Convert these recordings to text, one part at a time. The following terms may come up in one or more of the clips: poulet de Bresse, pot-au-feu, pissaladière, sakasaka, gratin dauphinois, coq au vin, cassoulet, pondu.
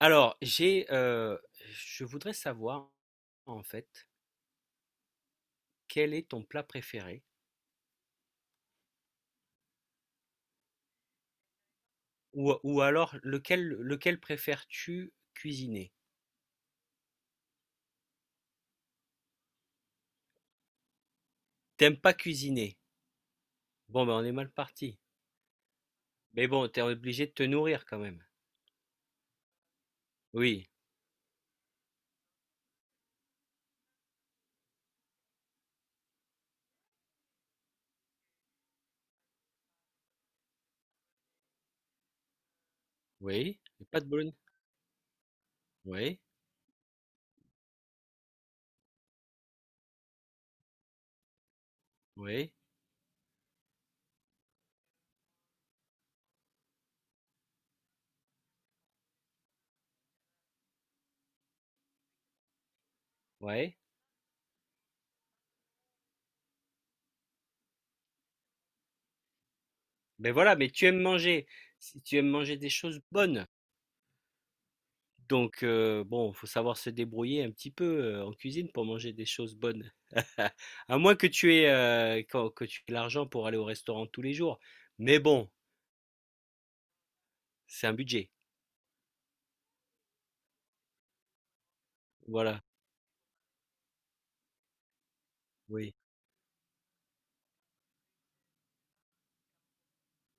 Alors, j'ai, je voudrais savoir, en fait, quel est ton plat préféré? Ou alors lequel préfères-tu cuisiner? T'aimes pas cuisiner? Bon, ben, on est mal parti. Mais bon, t'es obligé de te nourrir quand même. Oui, oui, et pas de bologn oui, oui, ouais. Mais voilà, mais tu aimes manger. Si tu aimes manger des choses bonnes. Donc, bon, faut savoir se débrouiller un petit peu en cuisine pour manger des choses bonnes. À moins que tu aies, que tu aies l'argent pour aller au restaurant tous les jours. Mais bon, c'est un budget. Voilà. Oui.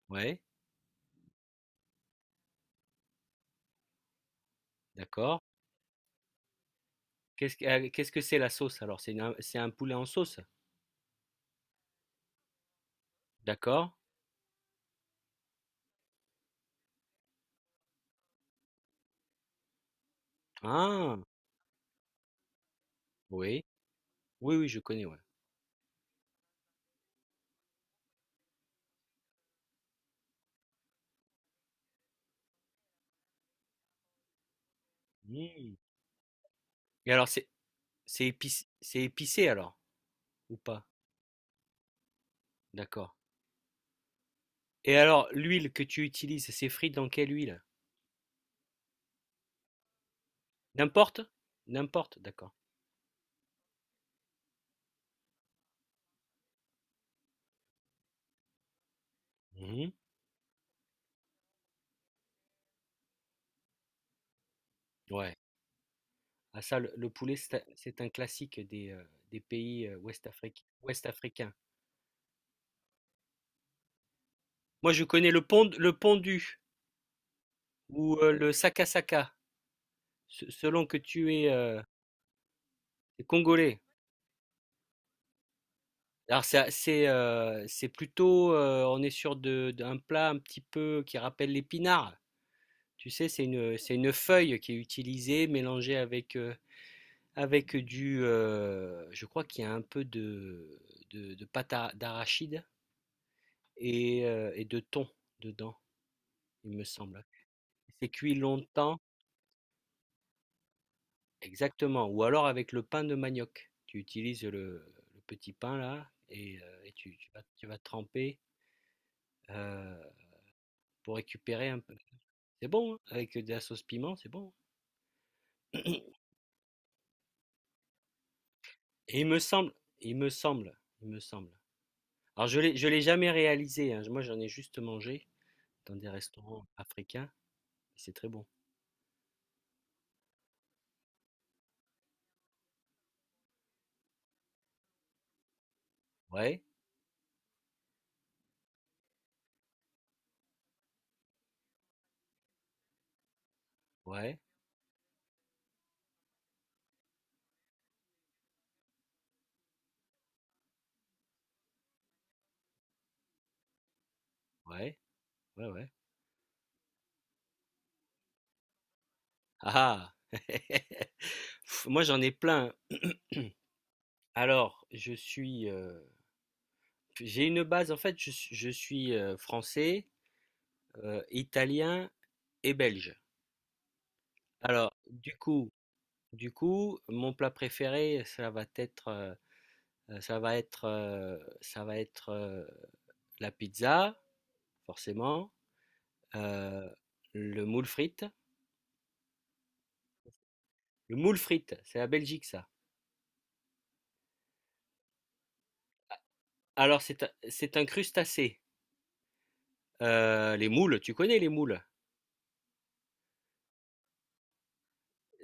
Ouais. D'accord. Qu'est-ce que c'est la sauce alors? C'est un poulet en sauce. D'accord. Ah. Oui. Oui, oui, je connais, ouais. Mm. Et alors, c'est, c'est épicé alors, ou pas? D'accord. Et alors, l'huile que tu utilises, c'est frit dans quelle huile? N'importe? N'importe, d'accord. Mmh. Ouais. Ah ça, le poulet, c'est un classique des pays, ouest afric ouest africains. Moi, je connais le pondu ou, le sakasaka, se selon que tu es, congolais. Alors c'est plutôt, on est sur de d'un plat un petit peu qui rappelle l'épinard. Tu sais, c'est une feuille qui est utilisée, mélangée avec, heu. Avec du, je crois qu'il y a un peu de pâte à d'arachide et de thon dedans, il me semble. C'est cuit longtemps exactement, ou alors avec le pain de manioc. Tu utilises le petit pain là et tu vas tu vas tremper, heu, pour récupérer un peu c'est bon, hein, avec de la sauce piment, c'est bon. Et il me semble il me semble. Alors je l'ai jamais réalisé, hein, moi j'en ai juste mangé dans des restaurants africains c'est très bon. Ouais, ouais, ouais, ouais, ouais. Ah ah. Pff, moi j'en ai plein. Alors, j'ai une base en fait. Je suis, français, italien et belge. Alors, du coup, mon plat préféré, ça va être, ça va être, ça va être la pizza, forcément, euh, le moule frite. Le moule frite, c'est la Belgique ça. Alors, c'est un crustacé. Les moules, tu connais les moules?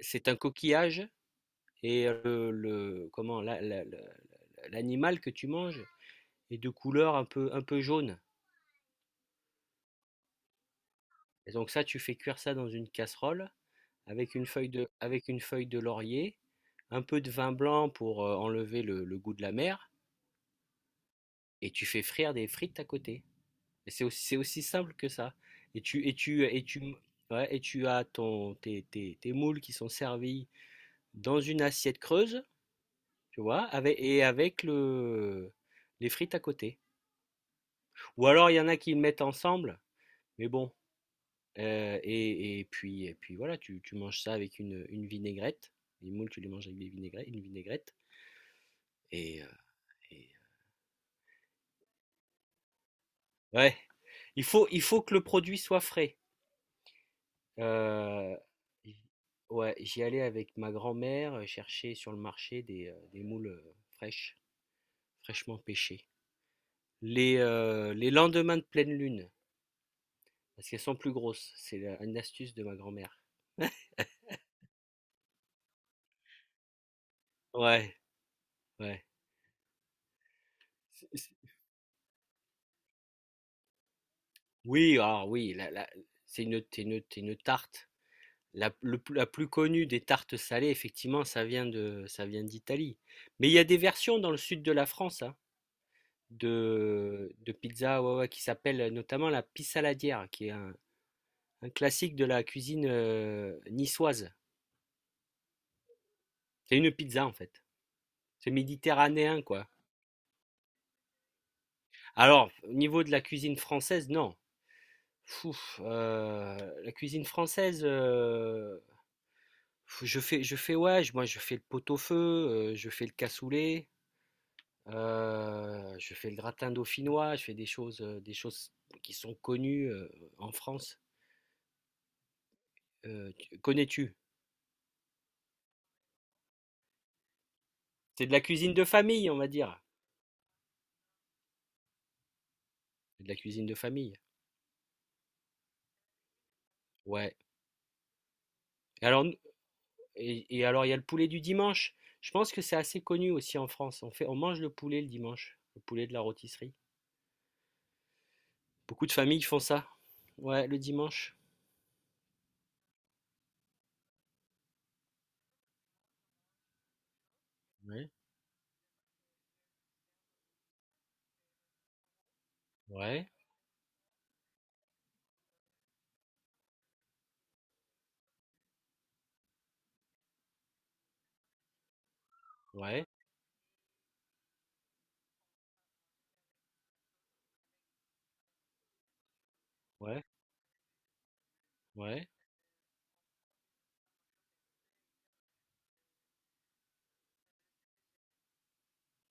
C'est un coquillage et le, comment l'animal que tu manges est de couleur un peu jaune. Et donc ça, tu fais cuire ça dans une casserole avec une feuille de avec une feuille de laurier, un peu de vin blanc pour enlever le goût de la mer et tu fais frire des frites à côté. Et c'est aussi simple que ça. Et tu ouais, et tu as ton tes moules qui sont servis dans une assiette creuse tu vois, et avec le, les frites à côté. Ou alors il y en a qui le mettent ensemble, mais bon. Et puis voilà, tu manges ça avec une vinaigrette. Les moules, tu les manges avec des vinaigrettes, une vinaigrette. Et, et- ouais, il faut que le produit soit frais. Euh, j- ouais, j'y allais avec ma grand-mère chercher sur le marché des moules fraîches, fraîchement pêchées. Les lendemains de pleine lune. Parce qu'elles sont plus grosses. Une astuce de ma grand-mère. Ouais, ouais. C'est- c'est- Oui, alors oui, c'est une, c'est une tarte. La plus connue des tartes salées, effectivement, ça vient de, ça vient d'Italie. Mais il y a des versions dans le sud de la France hein, de pizza ouais, ouais, qui s'appelle notamment la pissaladière, qui est un classique de la cuisine niçoise. C'est une pizza en fait. C'est méditerranéen quoi. Alors, au niveau de la cuisine française, non. Fouf, la cuisine française, je fais ouais, je moi je fais le pot-au-feu, je fais le cassoulet, je fais le gratin dauphinois, je fais des choses qui sont connues, en France. Tu connais-tu? C'est de la cuisine de famille, on va dire. C'est de la cuisine de famille. Ouais. Et alors n alors il y a le poulet du dimanche. Je pense que c'est assez connu aussi en France. On mange le poulet le dimanche, le poulet de la rôtisserie. Beaucoup de familles font ça. Ouais, le dimanche. Ouais, ouais, ouais, ouais, ouais,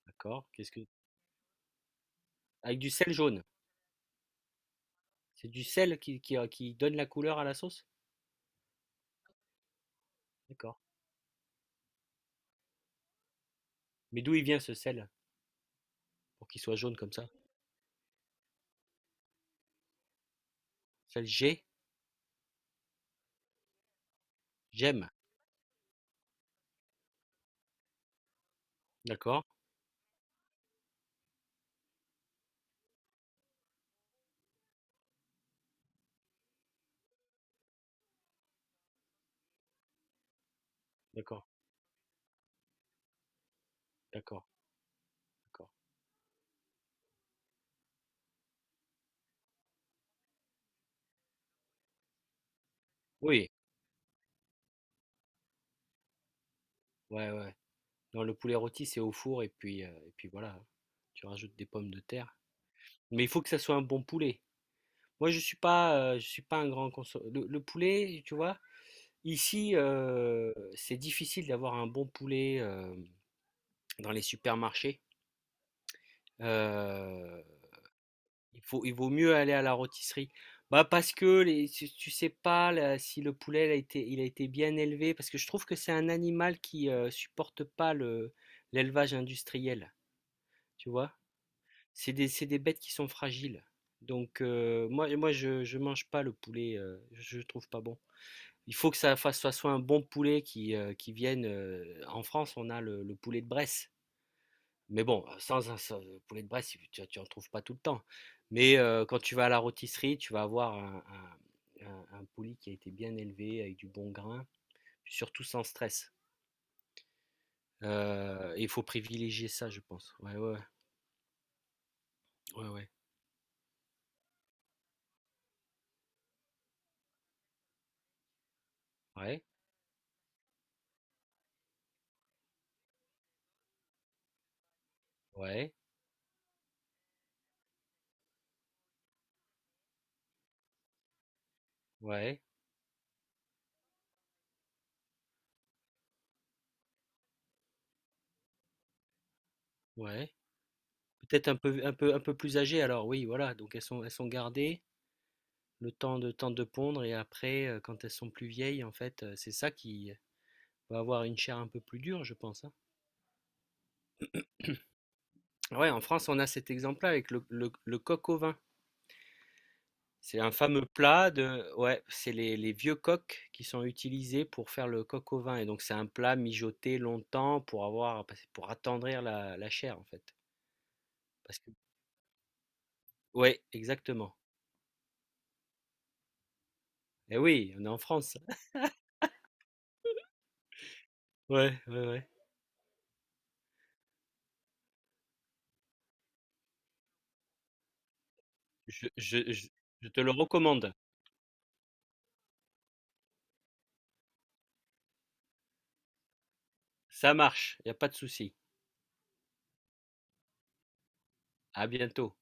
d'accord. Qu'est-ce que... Avec du sel jaune. C'est du sel qui donne la couleur à la sauce? D'accord. Mais d'où il vient ce sel pour qu'il soit jaune comme ça? Sel G, j'aime. D'accord, d'accord, d'accord, d'accord. Oui, ouais, ouais. Non, le poulet rôti, c'est au four et puis voilà. Tu rajoutes des pommes de terre. Mais il faut que ça soit un bon poulet. Moi, je suis pas un grand consommateur. Le poulet, tu vois, ici, c'est difficile d'avoir un bon poulet. Euh, dans les supermarchés. Euh, il vaut mieux aller à la rôtisserie. Bah parce que les, tu sais pas là, si le poulet il a été bien élevé, parce que je trouve que c'est un animal qui supporte pas le, l'élevage industriel, tu vois. C'est des bêtes qui sont fragiles. Donc moi je mange pas le poulet, je trouve pas bon. Il faut que ça fasse, ça soit un bon poulet qui vienne. Euh, en France, on a le poulet de Bresse. Mais bon, sans, un- sans- poulet de Bresse, tu en trouves pas tout le temps. Mais quand tu vas à la rôtisserie, tu vas avoir un poulet qui a été bien élevé, avec du bon grain, surtout sans stress. Et il faut privilégier ça, je pense. Ouais, ouais, ouais, ouais, ouais, ouais, ouais, ouais, ouais. Peut-être un peu plus âgées alors, oui, voilà. Donc elles sont gardées temps de pondre et après, quand elles sont plus vieilles, en fait, c'est ça qui va avoir une chair un peu plus dure, je pense, hein. Ouais, en France, on a cet exemple-là avec le coq au vin. C'est un fameux plat de, ouais, c'est les vieux coqs qui sont utilisés pour faire le coq au vin. Et donc, c'est un plat mijoté longtemps pour avoir, pour attendrir la chair, en fait. Parce que, ouais, exactement. Et oui, on est en France. Ouais, ouais, ouais. Je, je, je, je te le recommande. Ça marche, il n'y a pas de souci. À bientôt.